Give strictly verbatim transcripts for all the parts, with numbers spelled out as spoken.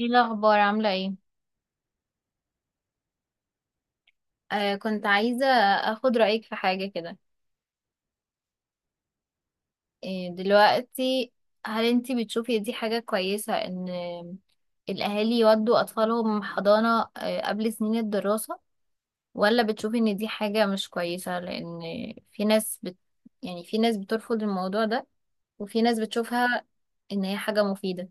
ايه الاخبار عامله ايه؟ آه كنت عايزه اخد رايك في حاجه كده. آه دلوقتي، هل انتي بتشوفي دي حاجه كويسه ان الاهالي يودوا اطفالهم حضانه آه قبل سنين الدراسه؟ ولا بتشوفي ان دي حاجه مش كويسه لان في ناس بت... يعني في ناس بترفض الموضوع ده، وفي ناس بتشوفها ان هي حاجه مفيده.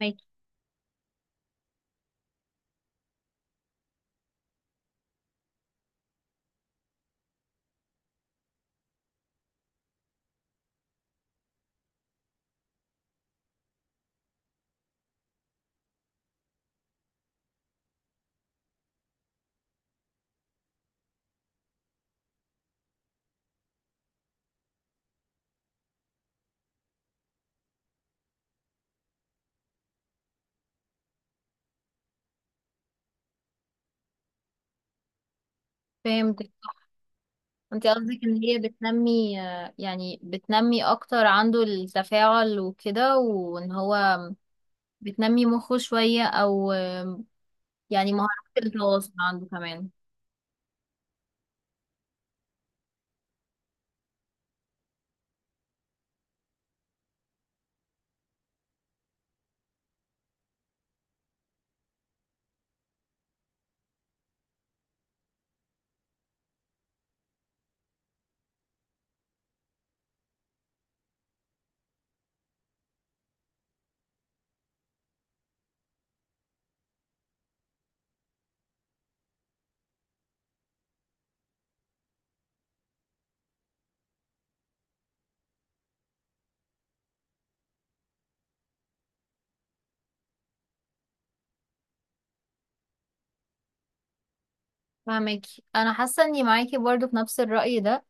ماكي. فهمتك. انت قصدك ان هي بتنمي، آه، يعني بتنمي اكتر عنده التفاعل وكده، وان هو بتنمي مخه شوية أو يعني مهارات التواصل عنده كمان. فاهمك. أنا حاسة إني معاكي برضو في نفس الرأي ده،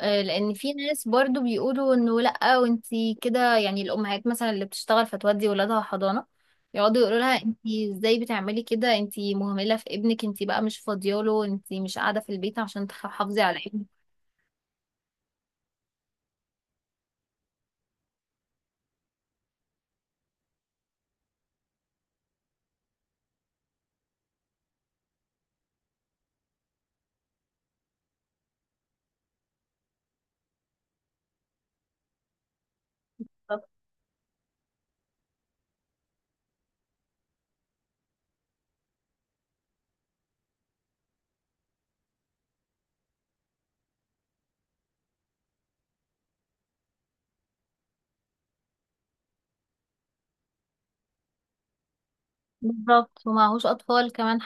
آه، لأن في ناس برضو بيقولوا إنه لأ وأنتي كده. يعني الأمهات مثلا اللي بتشتغل فتودي ولادها حضانة يقعدوا يقولوا لها أنتي إزاي بتعملي كده، أنتي مهملة في ابنك، أنتي بقى مش فاضياله، أنتي مش قاعدة في البيت عشان تحافظي على ابنك. بالظبط، ومعهوش أطفال كمان.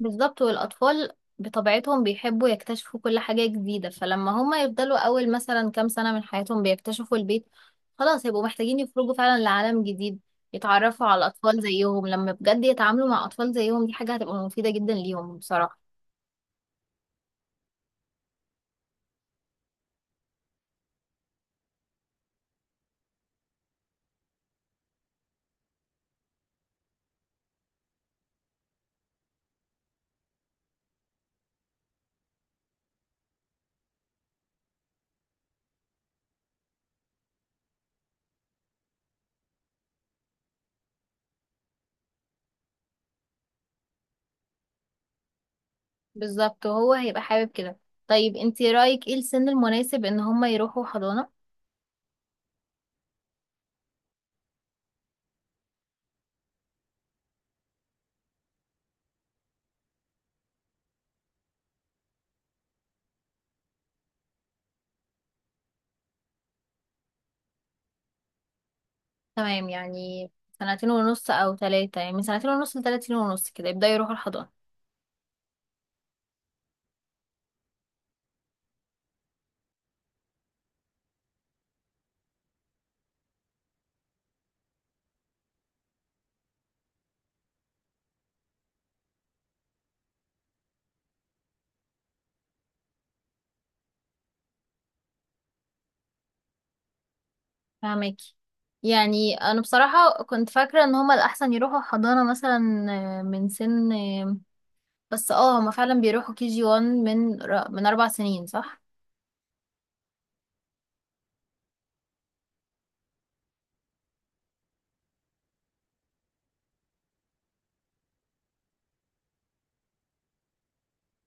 بالظبط. والأطفال بطبيعتهم بيحبوا يكتشفوا كل حاجة جديدة، فلما هما يفضلوا أول مثلا كام سنة من حياتهم بيكتشفوا البيت، خلاص هيبقوا محتاجين يخرجوا فعلا لعالم جديد، يتعرفوا على أطفال زيهم. لما بجد يتعاملوا مع أطفال زيهم، دي حاجة هتبقى مفيدة جدا ليهم بصراحة. بالظبط، وهو هيبقى حابب كده. طيب انتي رأيك ايه السن المناسب ان هما يروحوا حضانة؟ تمام، يعني سنتين ونص أو تلاتة، يعني من سنتين ونص لتلاتين ونص كده يبدأوا يروحوا الحضانة. فاهمك. يعني انا بصراحة كنت فاكرة ان هما الاحسن يروحوا حضانة مثلا آه، من سن آه، بس اه هما فعلا بيروحوا كي جي وان من ر- من اربع سنين، صح؟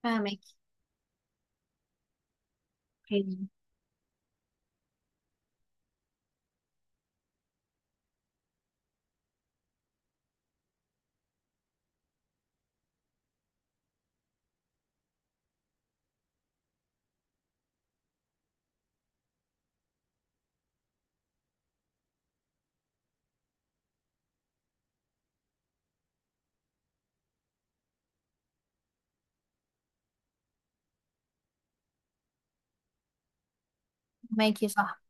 فاهمك. اوكي. فاهماكي، صح.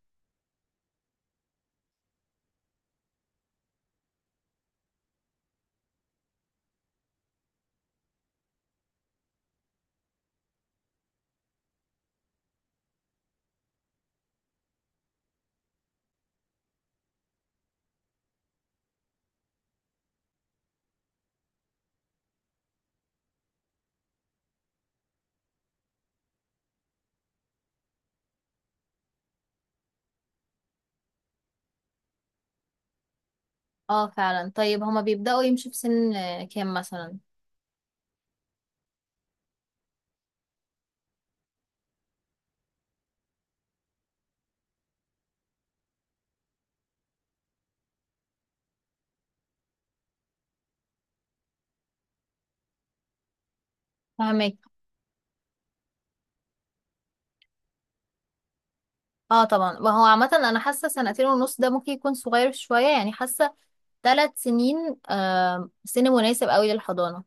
اه فعلا. طيب هما بيبدأوا يمشوا في سن آه، كام مثلا؟ فاهمك. اه طبعا. وهو عامة انا حاسة سنتين ونص ده ممكن يكون صغير شوية، يعني حاسة ثلاث سنين آه سن مناسب قوي للحضانة.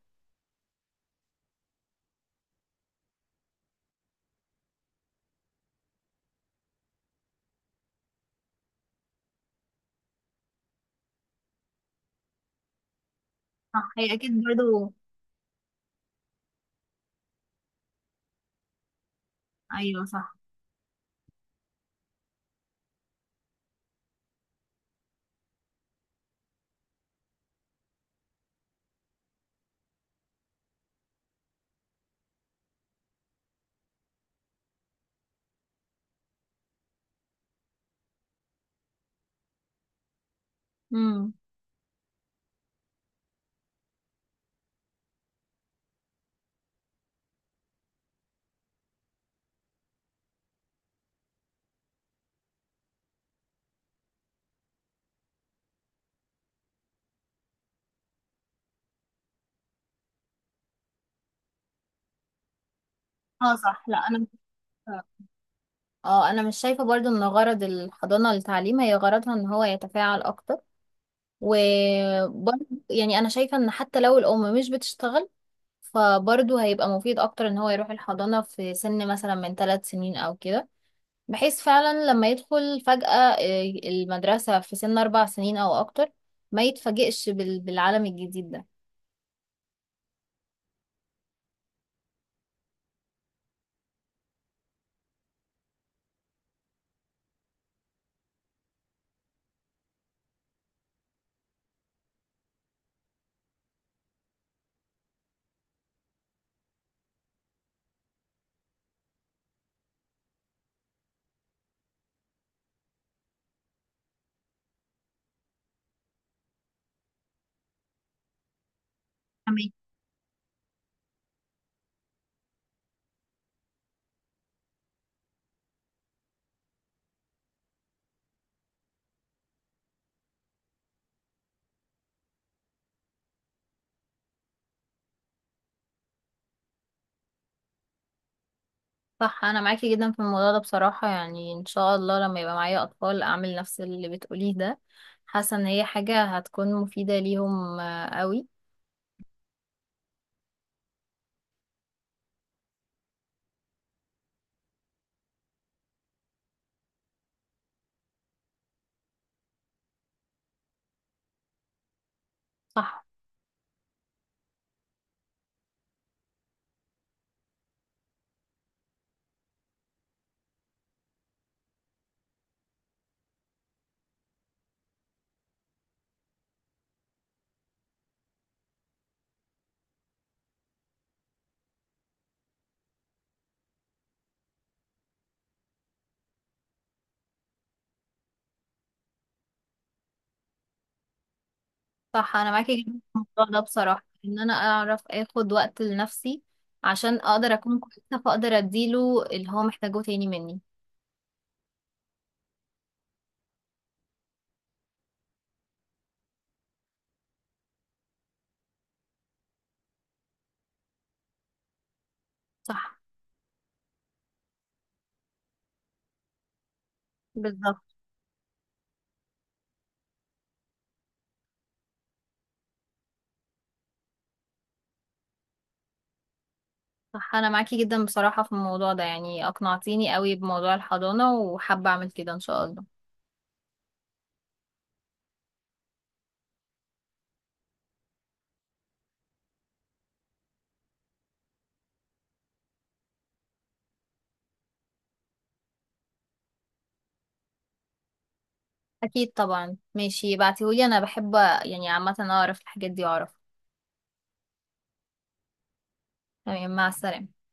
صح، هي اكيد برضو. ايوه، صح. امم. اه، صح. لا انا اه انا مش شايفة برضو ان غرض الحضانة للتعليم، هي غرضها ان هو يتفاعل اكتر، وبرضو يعني انا شايفة ان حتى لو الام مش بتشتغل فبرضو هيبقى مفيد اكتر ان هو يروح الحضانة في سن مثلا من ثلاث سنين او كده، بحيث فعلا لما يدخل فجأة آه، المدرسة في سن اربع سنين او اكتر، ما يتفاجئش بال- بالعالم الجديد ده. صح، انا معاكي جدا في الموضوع ده بصراحة. يعني ان شاء الله لما يبقى معايا اطفال اعمل نفس اللي بتقوليه ده. حاسة ان هي حاجة هتكون مفيدة ليهم آه، قوي. صح. صح، انا معاكي جدا في الموضوع ده بصراحة ان انا اعرف اخد وقت لنفسي عشان اقدر اكون كويسة فاقدر اديله اللي هو محتاجه تاني مني. صح. بالظبط. صح انا معاكي جدا بصراحة في الموضوع ده، يعني اقنعتيني قوي بموضوع الحضانة وحابة اعمل كده ان شاء الله. اكيد طبعا، ماشي ابعتيهولي، انا بحب يعني عامه اعرف الحاجات دي واعرف. تمام، مع السلامه.